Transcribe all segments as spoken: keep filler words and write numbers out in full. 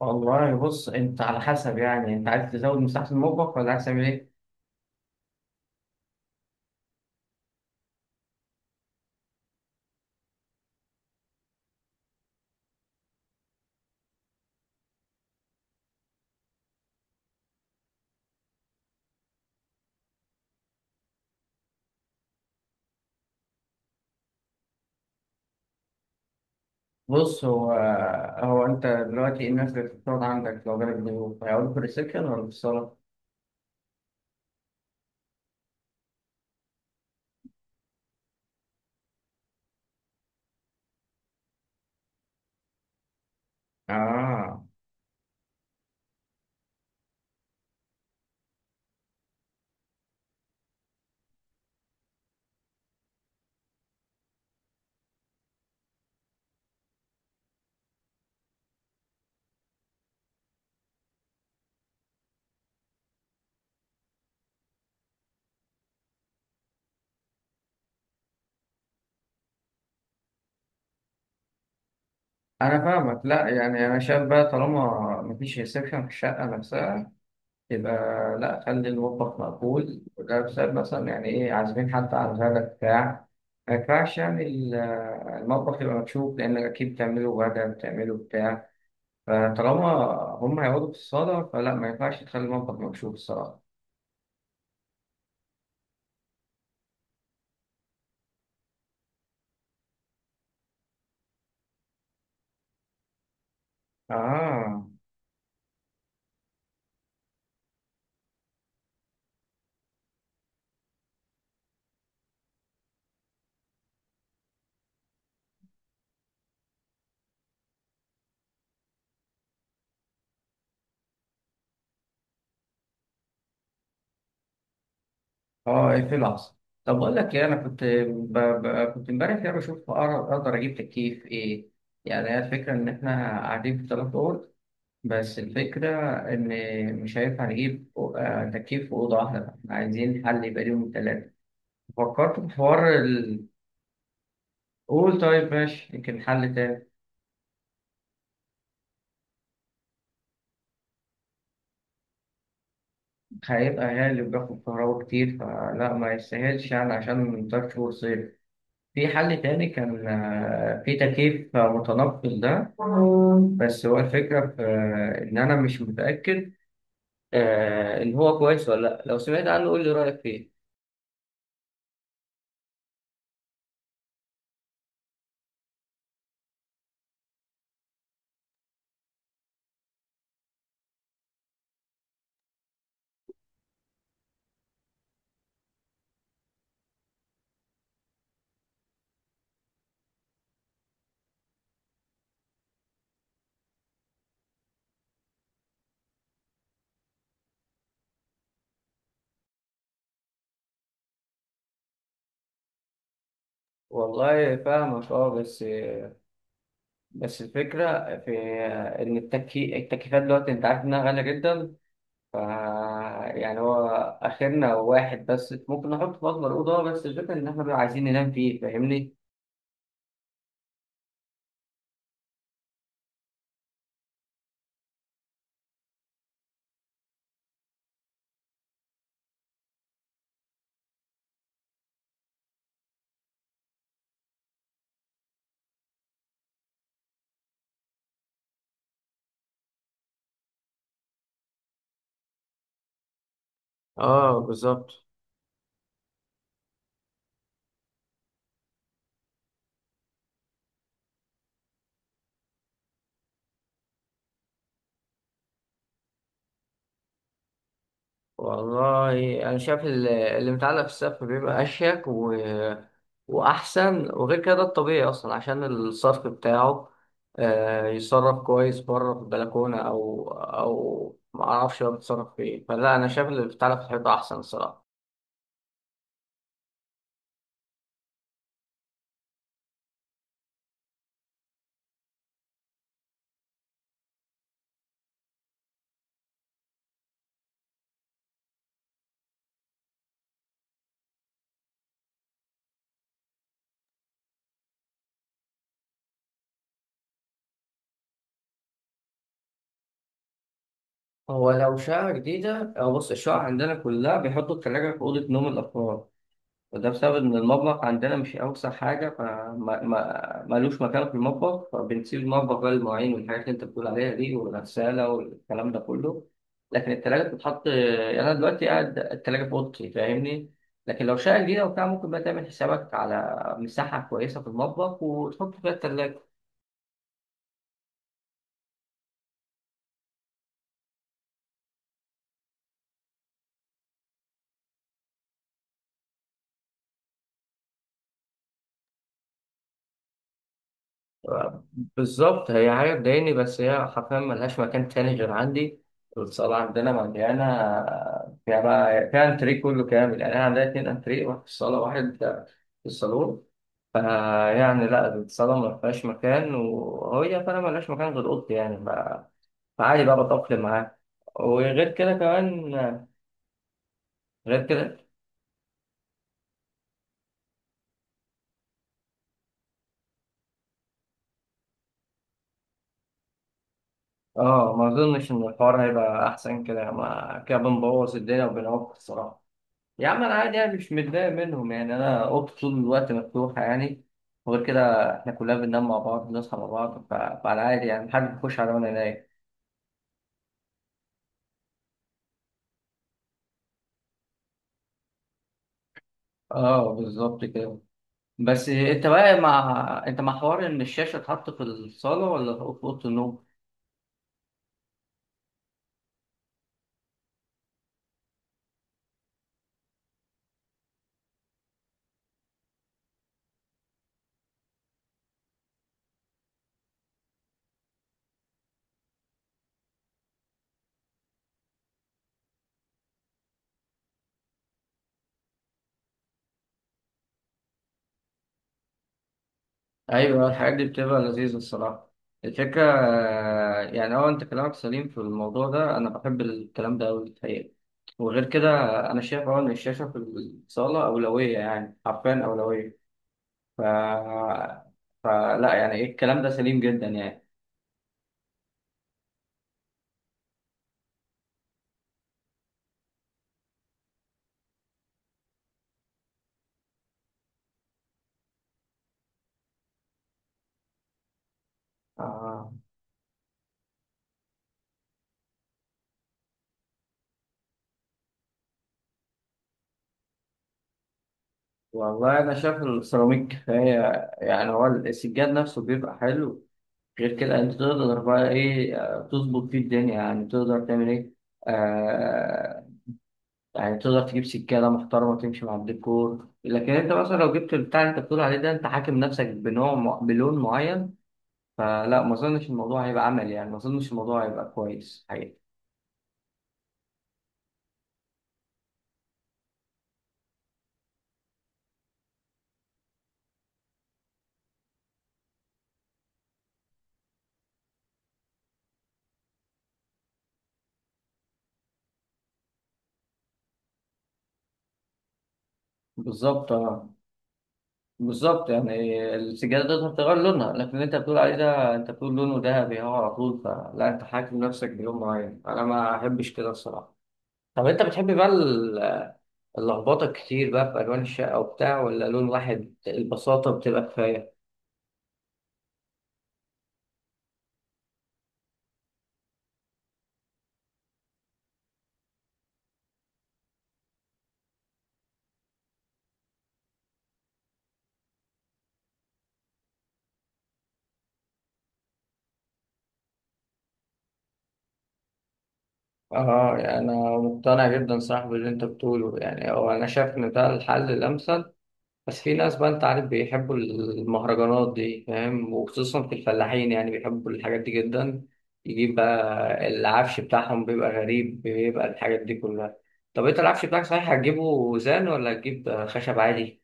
والله، بص انت على حسب. يعني انت عايز تزود مساحة المطبخ ولا عايز تعمل ايه؟ بص، هو هو انت دلوقتي ايه الناس اللي بتقعد عندك؟ لو جالك ضيوف هيقعدوا في الريسبشن ولا في الصالة؟ اه، انا فاهمك. لا يعني انا شايف بقى، طالما مفيش ريسبشن في الشقة نفسها يبقى لا، خلي المطبخ مقفول. وده بسبب مثلا، يعني ايه، عازمين حد على الغدا بتاع. ما ينفعش يعني ال- المطبخ يبقى مكشوف، لأنك أكيد بتعمله غدا بتعمله بتاع. فطالما هم هيقعدوا في الصالة، فلا، ما ينفعش تخلي المطبخ مكشوف الصراحة. آه، آه، اقفل العصر. طب أقول لك إيه، أنا كنت ب... ب... كنت إمبارح كده بشوف أقر- أقدر أجيب تكييف إيه. يعني هي الفكرة إن إحنا قاعدين في تلات أوض، بس الفكرة إن مش هينفع نجيب أو- آه، تكييف في أوضة واحدة. إحنا عايزين حل يبقى ليهم التلاتة. فكرت في حوار ال... قول طيب ماشي، يمكن حل تاني. هيبقى غالي وبياخد كهرباء كتير، فلا ما يستاهلش يعني عشان تلات شهور صيف. في حل تاني كان، آه، في تكييف متنقل ده. بس هو الفكرة في آه، إن أنا مش متأكد آه، إن هو كويس ولا لأ. لو سمعت عنه قول لي رأيك فيه. والله فاهمك، أه، بس آه، بس الفكرة في آه، إن التكي... التكييفات دلوقتي أنت عارف إنها غالية جدا. ف يعني هو آخرنا واحد بس ممكن نحط في أكبر أوضة، بس الفكرة إن إحنا بقى عايزين ننام فيه، فاهمني؟ اه بالظبط. والله أنا شايف ال- اللي متعلق في السقف بيبقى أشيك و... وأحسن. وغير كده ده الطبيعي أصلا، عشان الصرف بتاعه آه، يتصرف كويس بره في البلكونة أو أو معرفش بقى بيتصرف فين. فلا أنا شايف اللي بيتعلق في الحيطة أحسن الصراحة. هو لو شقة جديدة أو، بص، الشقق عندنا كلها بيحطوا التلاجة في أوضة نوم الأفراد. وده بسبب إن المطبخ عندنا مش أوسع حاجة، فما ما ملوش مكان في المطبخ، فبنسيب المطبخ بقى للمواعين والحاجات اللي أنت بتقول عليها دي، والغسالة والكلام ده كله. لكن التلاجة بتتحط، يعني أنا دلوقتي قاعد التلاجة في أوضتي، فاهمني. لكن لو شقة جديدة وبتاع، ممكن بقى تعمل حسابك على مساحة كويسة في المطبخ وتحط فيها التلاجة. بالظبط، هي حاجة تضايقني، بس هي حرفيا ملهاش مكان تاني غير عندي. والصالة عندنا مليانة، فيها بقى فيها أنتريه كله كامل. يعني أنا عندنا اتنين أنتريه، واحد في الصالة واحد في الصالون. فيعني لأ، الصالة ملهاش مكان، وهي فعلا ملهاش مكان غير أوضتي يعني. ف- فعادي بقى، بتأقلم معاها. وغير كده كمان، غير كده. اه، ما أظنش إن الحوار هيبقى أحسن كده، ما كده بنبوظ الدنيا وبنعوق الصراحة. يا عم انا عادي يعني، مش متضايق منهم يعني. انا اوضتي طول الوقت مفتوحه يعني. وغير كده احنا كلنا بننام مع بعض، بنصحى مع بعض. ف- فانا عادي يعني، محدش بيخش عليا وانا نايم. اه، بالظبط كده. بس انت بقى مع، انت مع حوار ان الشاشه اتحط في الصاله ولا في اوضه النوم؟ ايوه، الحاجات دي بتبقى لذيذه الصراحه. الفكره آه، يعني اه انت كلامك سليم في الموضوع ده، انا بحب الكلام ده قوي الحقيقه. وغير كده انا شايف اه ان الشاشه في الصاله اولويه، يعني حرفيا اولويه. ف... فلا يعني ايه، الكلام ده سليم جدا يعني. آه. والله انا شايف السيراميك كفايه. يعني هو السجاد نفسه بيبقى حلو. غير كده انت تقدر بقى ايه، آه، تظبط فيه الدنيا، يعني تقدر تعمل ايه. آه. يعني تقدر تجيب سجاده محترمه تمشي مع الديكور، لكن انت مثلا لو جبت البتاع اللي انت بتقول عليه ده، انت حاكم نفسك بنوع م- بلون معين. فلا ما اظنش الموضوع هيبقى عملي، يعني ما اظنش الموضوع هيبقى كويس حقيقي. بالظبط، آه. بالظبط، يعني السجادة تقدر تغير لونها، لكن اللي انت بتقول عليه ده، انت بتقول لونه ذهبي اهو على طول، فلا انت حاكم نفسك بيوم معين، انا ما احبش كده الصراحة. طب انت بتحب بقى ال- اللخبطة كتير بقى في الوان الشقة وبتاع، ولا لون واحد البساطة بتبقى كفاية؟ اه يعني انا مقتنع جدا صاحبي باللي انت بتقوله. يعني هو انا شايف ان ده الحل الامثل. بس في ناس بقى انت عارف بيحبوا المهرجانات دي، فاهم، وخصوصا في الفلاحين يعني بيحبوا الحاجات دي جدا. يجيب بقى العفش بتاعهم بيبقى غريب، بيبقى الحاجات دي كلها. طب انت العفش بتاعك صحيح هتجيبه زان ولا هتجيب خشب عادي؟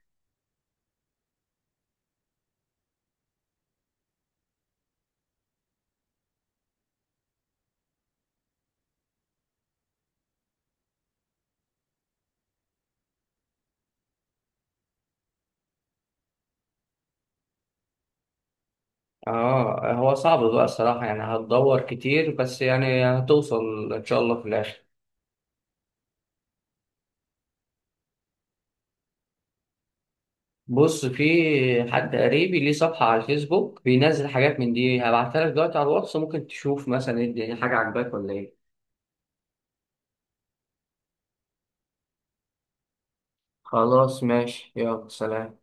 اه هو صعب بقى الصراحة، يعني هتدور كتير بس يعني هتوصل ان شاء الله في الاخر. بص، في حد قريبي ليه صفحة على الفيسبوك، بينزل حاجات من دي. هبعتها لك دلوقتي على الواتس، ممكن تشوف مثلا ايه الدنيا، حاجة عجباك ولا ايه. خلاص ماشي، يلا سلام.